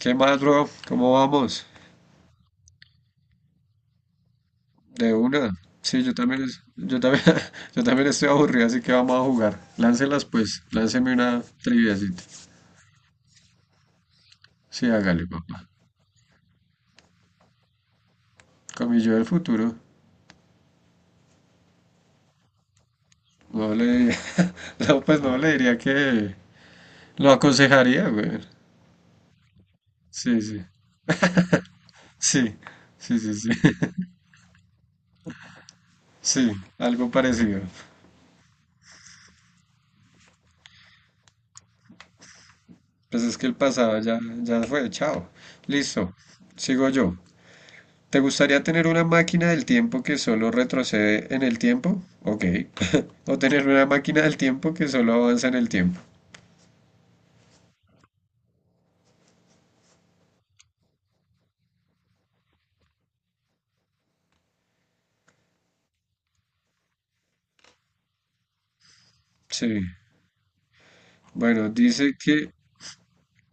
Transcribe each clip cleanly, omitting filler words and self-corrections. ¿Qué más, bro? ¿Cómo vamos? De una. Sí, yo también, yo también estoy aburrido, así que vamos a jugar. Láncelas, pues. Lánceme una triviacita. Sí, hágale, papá. Con mi yo del futuro. No le, no, pues no le diría que lo aconsejaría, güey. Sí, sí. Sí, sí, sí, sí. Sí, algo parecido. Pues es que el pasado ya fue. Chao. Listo. Sigo yo. ¿Te gustaría tener una máquina del tiempo que solo retrocede en el tiempo? Ok. O tener una máquina del tiempo que solo avanza en el tiempo. Sí. Bueno, dice que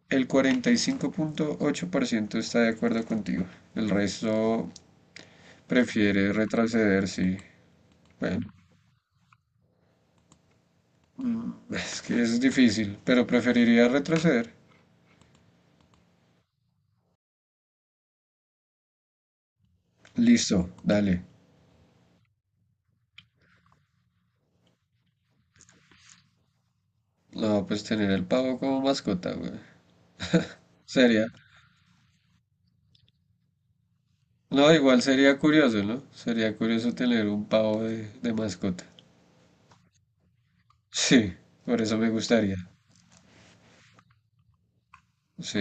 el 45.8% está de acuerdo contigo. El resto prefiere retroceder, sí. Bueno, es que es difícil, pero preferiría retroceder. Listo, dale. No, pues tener el pavo como mascota, güey. Sería, no, igual sería curioso, ¿no? Sería curioso tener un pavo de mascota. Sí, por eso me gustaría. Sí.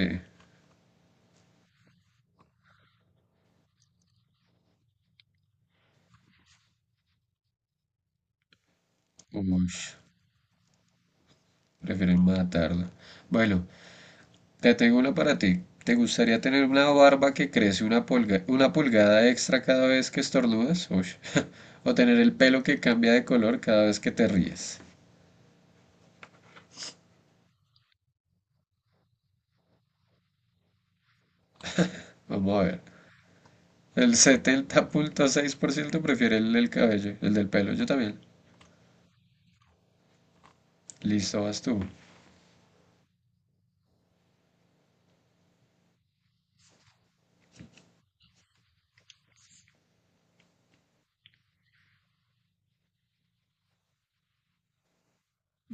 Uy, prefieren matarlo. Bueno, te tengo una para ti. ¿Te gustaría tener una barba que crece una pulgada extra cada vez que estornudas? Uy. O tener el pelo que cambia de color cada vez que te ríes. Vamos a ver. El 70.6% prefiere el del cabello, el del pelo. Yo también. Listo, vas tú.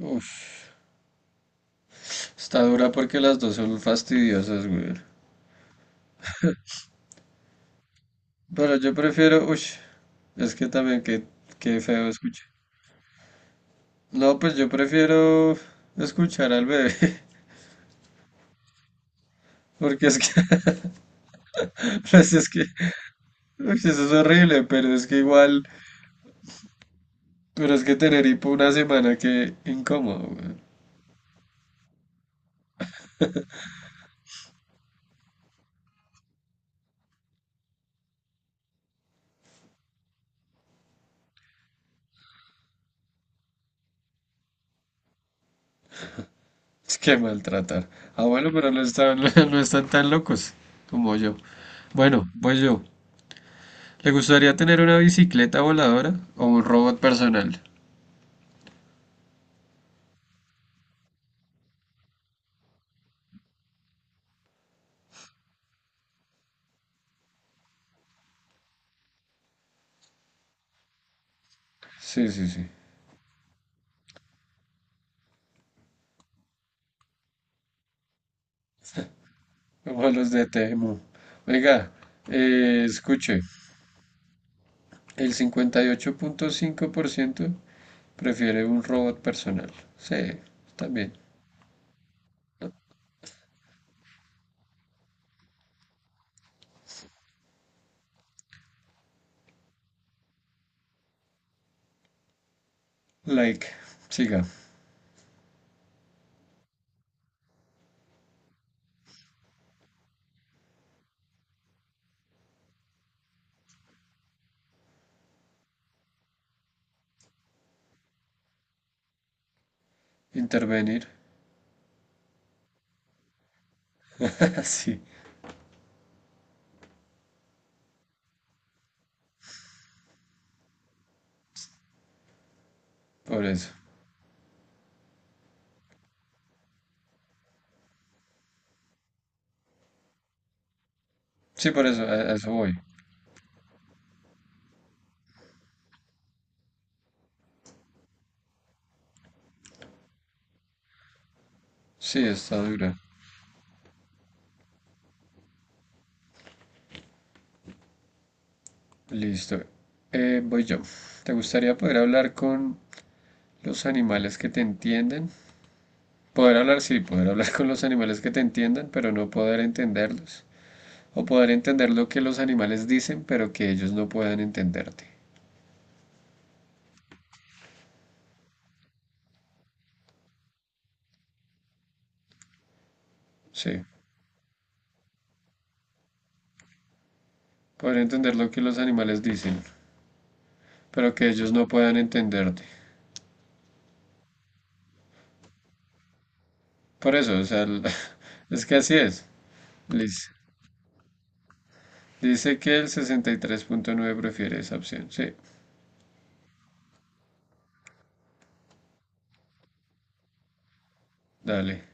Uf. Está dura porque las dos son fastidiosas, güey. Pero yo prefiero, uy, es que también qué, qué feo escuchar. No, pues yo prefiero escuchar al bebé, porque es que, pues es que, uy, eso es horrible, pero es que igual, pero es que tener hipo una semana, qué incómodo, güey. Es que maltratar. Ah, bueno, pero no están, no están tan locos como yo. Bueno, pues yo. ¿Le gustaría tener una bicicleta voladora o un robot personal? Sí, sí, sí. Como los de Temu. Oiga, escuche, el 58.5% prefiere un robot personal. Sí, está bien. Like, siga. Intervenir. sí, por eso. Sí, por eso, a eso voy. Sí, está dura. Listo. Voy yo. ¿Te gustaría poder hablar con los animales que te entienden? Poder hablar, sí, poder hablar con los animales que te entiendan, pero no poder entenderlos. O poder entender lo que los animales dicen, pero que ellos no puedan entenderte. Sí, poder entender lo que los animales dicen, pero que ellos no puedan entenderte. Por eso, o sea, el- es que así es. Liz. Dice que el 63.9% prefiere esa opción. Sí, dale.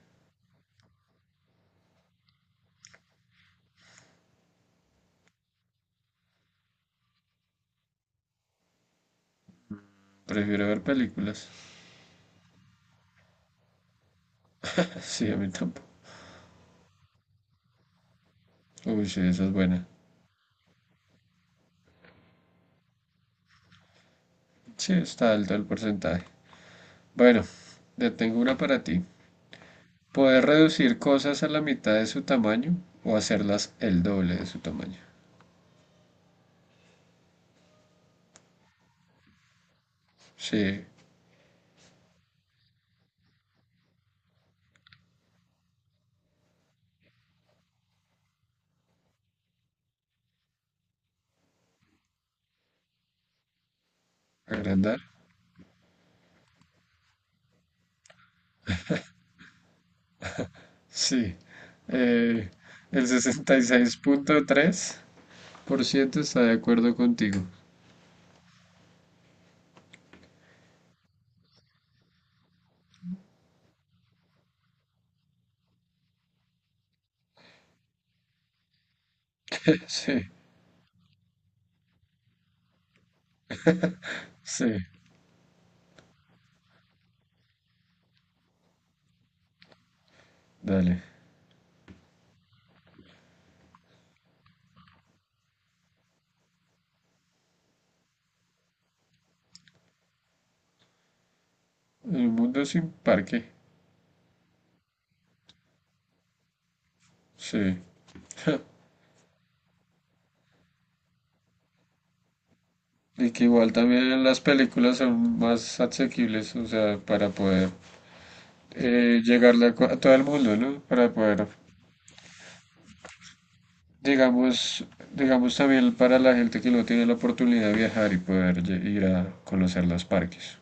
Prefiero ver películas. Sí, a mí tampoco. Uy, sí, esa es buena. Sí, está alto el porcentaje. Bueno, te tengo una para ti. Poder reducir cosas a la mitad de su tamaño o hacerlas el doble de su tamaño. Sí, agrandar. Sí. Eh, el 66.3% está de acuerdo contigo. Sí, sí, sí, dale. El mundo sin parque. Sí. Y que igual también las películas son más asequibles, o sea, para poder llegarle a, a todo el mundo, ¿no? Para poder, digamos, digamos también para la gente que no tiene la oportunidad de viajar y poder ir a conocer los parques.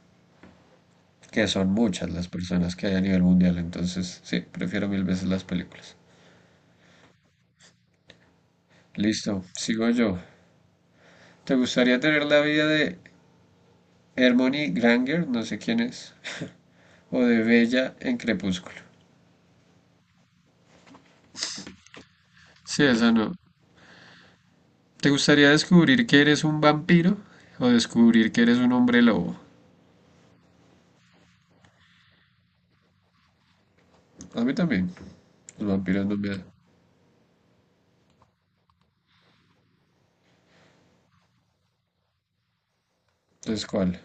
Que son muchas las personas que hay a nivel mundial, entonces sí, prefiero mil veces las películas. Listo, sigo yo. ¿Te gustaría tener la vida de Hermione Granger, no sé quién es, o de Bella en Crepúsculo? Sí, esa no. ¿Te gustaría descubrir que eres un vampiro o descubrir que eres un hombre lobo? A mí también, los vampiros no me dan. Entonces, ¿cuál?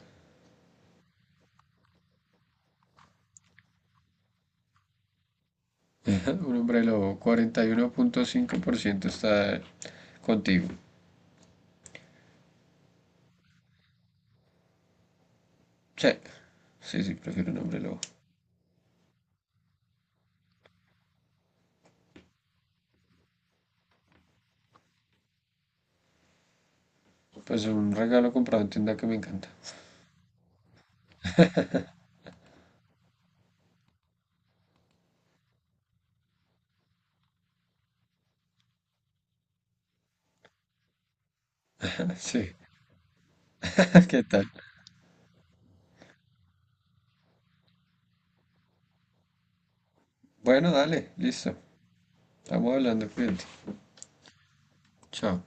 Un hombre lobo, 41.5% está contigo. Sí, sí, sí, prefiero un hombre lobo. Pues un regalo comprado en tienda que me encanta. Sí, ¿qué tal? Bueno, dale, listo. Estamos hablando, cuídate. Chao.